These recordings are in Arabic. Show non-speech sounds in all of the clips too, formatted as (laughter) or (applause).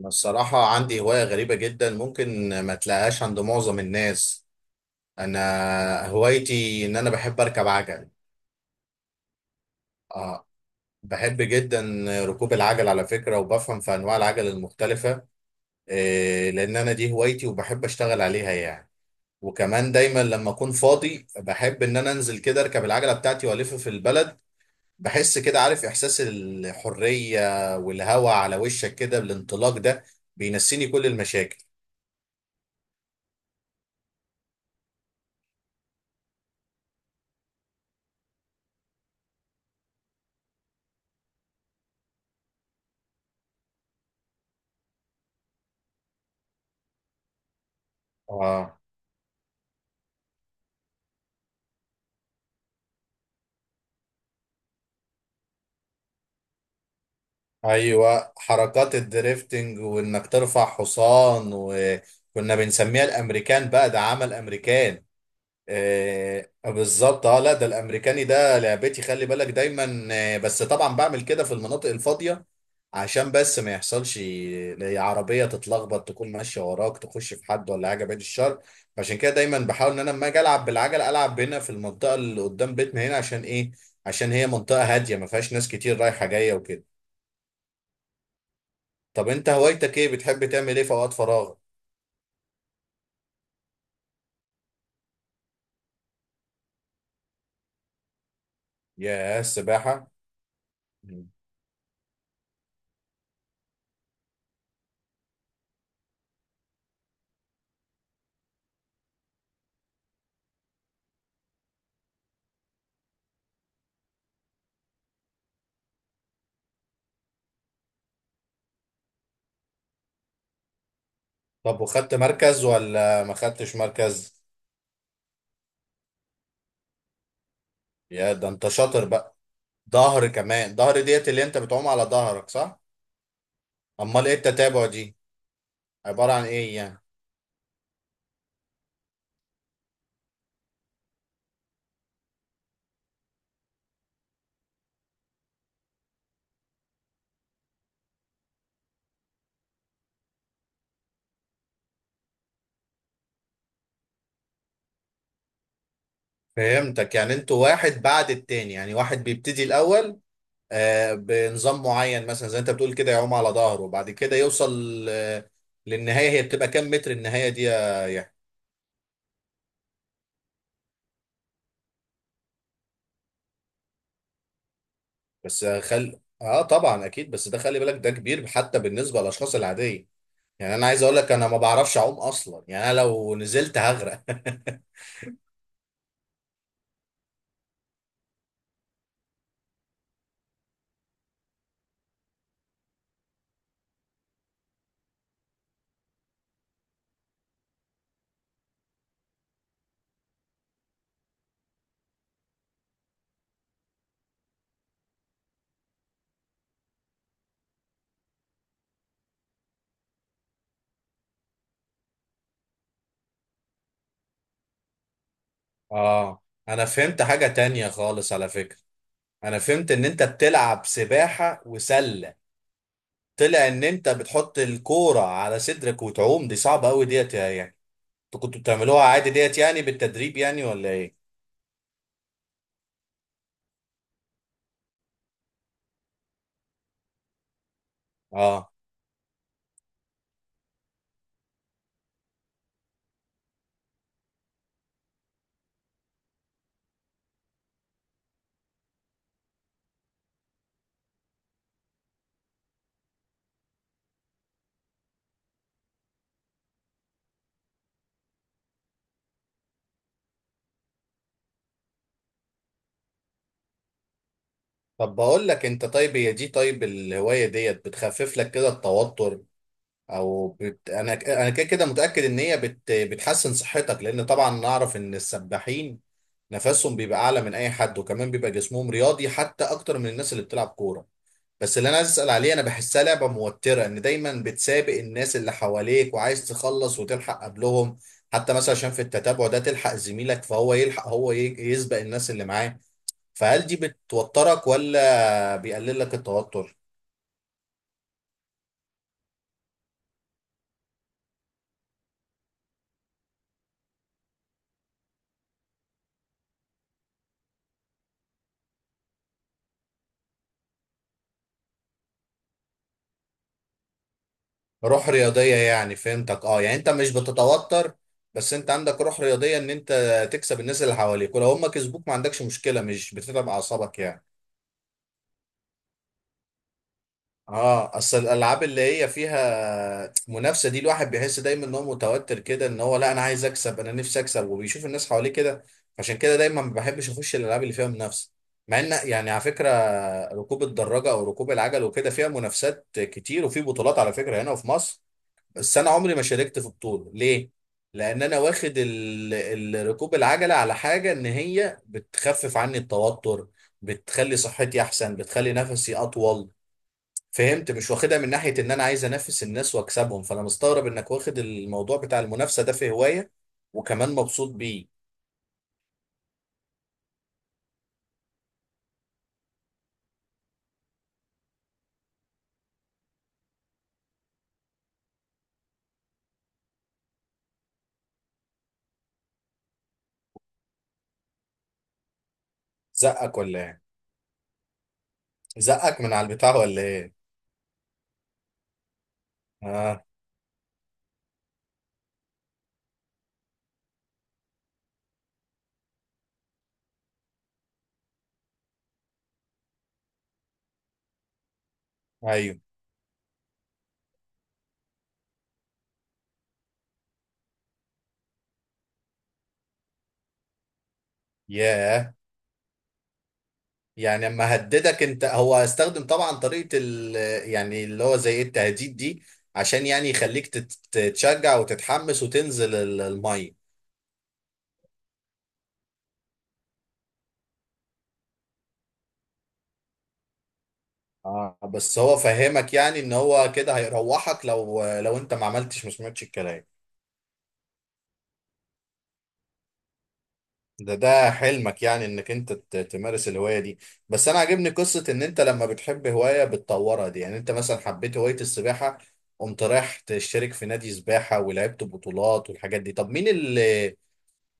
أنا الصراحة عندي هواية غريبة جدا ممكن ما تلاقيهاش عند معظم الناس. أنا هوايتي إن أنا بحب أركب عجل. آه، بحب جدا ركوب العجل على فكرة، وبفهم في أنواع العجل المختلفة. إيه، لأن أنا دي هوايتي وبحب أشتغل عليها يعني. وكمان دايما لما أكون فاضي بحب إن أنا أنزل كده أركب العجلة بتاعتي وألف في البلد. بحس كده عارف إحساس الحرية والهواء على وشك كده، الانطلاق ده بينسيني كل المشاكل. آه، ايوه حركات الدريفتنج وانك ترفع حصان، وكنا بنسميها الامريكان بقى، ده عمل امريكان. آه بالظبط، اه لا ده الامريكاني ده لعبتي، خلي بالك دايما. بس طبعا بعمل كده في المناطق الفاضيه، عشان بس ما يحصلش عربيه تتلخبط تكون ماشيه وراك تخش في حد ولا حاجه، بعيد الشر. عشان كده دايما بحاول ان انا لما اجي العب بالعجل العب هنا في المنطقه اللي قدام بيتنا هنا، عشان ايه؟ عشان هي منطقه هاديه ما فيهاش ناس كتير رايحه جايه وكده. طب انت هوايتك ايه؟ بتحب تعمل ايه في اوقات فراغ؟ يا السباحة! مم. طب وخدت مركز ولا ما خدتش مركز؟ يا ده انت شاطر بقى. ظهر كمان، ظهر ديت اللي انت بتعوم على ظهرك، صح؟ امال ايه التتابع دي؟ عبارة عن ايه يعني؟ فهمتك، يعني انتوا واحد بعد التاني، يعني واحد بيبتدي الاول. آه بنظام معين مثلا، زي انت بتقول كده يعوم على ظهره وبعد كده يوصل للنهاية. هي بتبقى كام متر النهاية دي يا؟ بس خل اه طبعا اكيد، بس ده خلي بالك ده كبير حتى بالنسبه للاشخاص العاديه. يعني انا عايز اقول لك انا ما بعرفش اعوم اصلا، يعني انا لو نزلت هغرق (laughs) اه، انا فهمت حاجه تانية خالص على فكره. انا فهمت ان انت بتلعب سباحه وسله. طلع ان انت بتحط الكوره على صدرك وتعوم، دي صعبه قوي ديت يعني. انتوا كنتوا بتعملوها عادي ديت يعني، بالتدريب يعني، ولا ايه؟ اه. طب بقول لك انت، طيب هي دي، طيب الهوايه ديت بتخفف لك كده التوتر، او بت... انا انا كده كده متاكد ان هي بتحسن صحتك، لان طبعا نعرف ان السباحين نفسهم بيبقى اعلى من اي حد، وكمان بيبقى جسمهم رياضي حتى اكتر من الناس اللي بتلعب كوره. بس اللي انا عايز اسال عليه، انا بحسها لعبه موتره ان دايما بتسابق الناس اللي حواليك وعايز تخلص وتلحق قبلهم، حتى مثلا عشان في التتابع ده تلحق زميلك، فهو يلحق هو يسبق الناس اللي معاه. فهل دي بتوترك ولا بيقلل لك التوتر؟ روح رياضية يعني، فهمتك. اه يعني انت مش بتتوتر، بس انت عندك روح رياضية ان انت تكسب الناس اللي حواليك، ولو هم كسبوك ما عندكش مشكلة، مش بتتعب اعصابك يعني. اه، اصل الالعاب اللي هي فيها منافسة دي الواحد بيحس دايما ان هو متوتر كده، ان هو لا انا عايز اكسب، انا نفسي اكسب، وبيشوف الناس حواليه كده. عشان كده دايما ما بحبش اخش الالعاب اللي فيها منافسة، مع ان يعني على فكرة ركوب الدراجة او ركوب العجل وكده فيها منافسات كتير، وفي بطولات على فكرة هنا في مصر. بس انا عمري ما شاركت في بطوله. ليه؟ لان انا واخد ركوب العجله على حاجه ان هي بتخفف عني التوتر، بتخلي صحتي احسن، بتخلي نفسي اطول. فهمت؟ مش واخدها من ناحيه ان انا عايز انافس الناس واكسبهم. فانا مستغرب انك واخد الموضوع بتاع المنافسه ده في هوايه، وكمان مبسوط بيه. زقك ولا ايه؟ زقك من على البتاع ولا ايه؟ اه. ايوه. ياه! يعني اما هددك انت، هو استخدم طبعا طريقة يعني اللي هو زي إيه، التهديد دي عشان يعني يخليك تتشجع وتتحمس وتنزل المية. اه بس هو فهمك يعني ان هو كده هيروحك لو انت ما عملتش، ما سمعتش الكلام. ده حلمك يعني، انك انت تمارس الهواية دي. بس انا عاجبني قصة ان انت لما بتحب هواية بتطورها دي، يعني انت مثلا حبيت هواية السباحة قمت رايح تشترك في نادي سباحة ولعبت بطولات والحاجات دي. طب مين اللي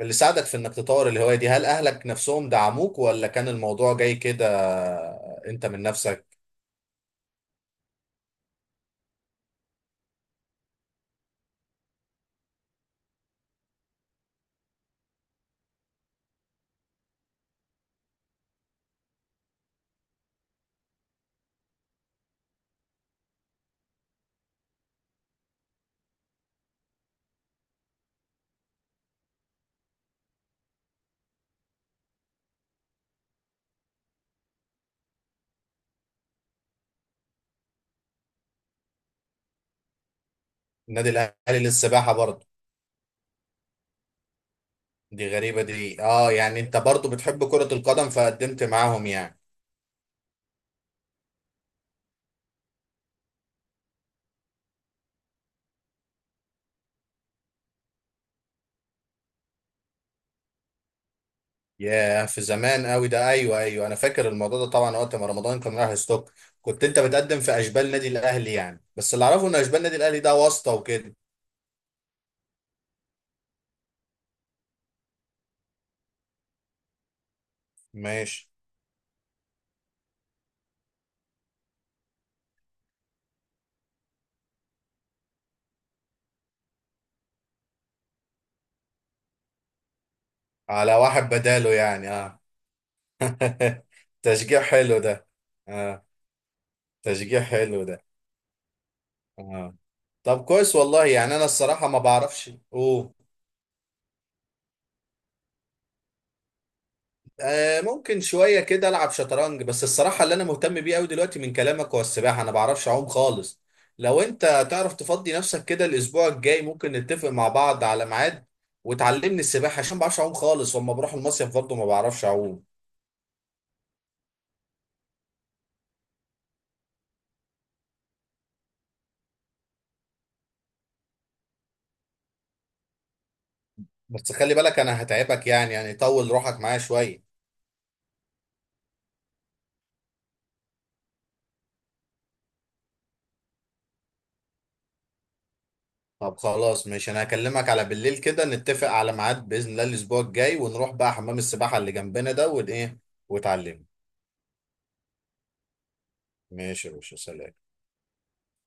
اللي ساعدك في انك تطور الهواية دي؟ هل اهلك نفسهم دعموك، ولا كان الموضوع جاي كده انت من نفسك؟ النادي الاهلي للسباحة برضه؟ دي غريبة دي. اه يعني انت برضه بتحب كرة القدم فقدمت معاهم يعني. ياه، في زمان قوي ده. ايوه ايوه، انا فاكر الموضوع ده طبعا، وقت ما رمضان كان رايح ستوك. كنت انت بتقدم في اشبال النادي الاهلي يعني؟ بس اللي اعرفه ان اشبال النادي الاهلي ده واسطة وكده. ماشي. على واحد بداله يعني، اه. (laughs) تشجيع حلو ده. اه. تشجيع حلو ده. اه. طب كويس والله. يعني انا الصراحه ما بعرفش. اوه. آه ممكن شويه كده العب شطرنج، بس الصراحه اللي انا مهتم بيه قوي دلوقتي من كلامك هو السباحه. انا ما بعرفش اعوم خالص. لو انت تعرف تفضي نفسك كده الاسبوع الجاي، ممكن نتفق مع بعض على ميعاد وتعلمني السباحه، عشان ما بعرفش اعوم خالص، واما بروح المصيف برضه ما بعرفش اعوم. بس خلي بالك انا هتعبك يعني طول روحك معايا شويه. طب خلاص ماشي، انا هكلمك على بالليل كده نتفق على ميعاد باذن الله الاسبوع الجاي، ونروح بقى حمام السباحه اللي جنبنا ده، وايه، وتعلمني. ماشي يا باشا، سلام.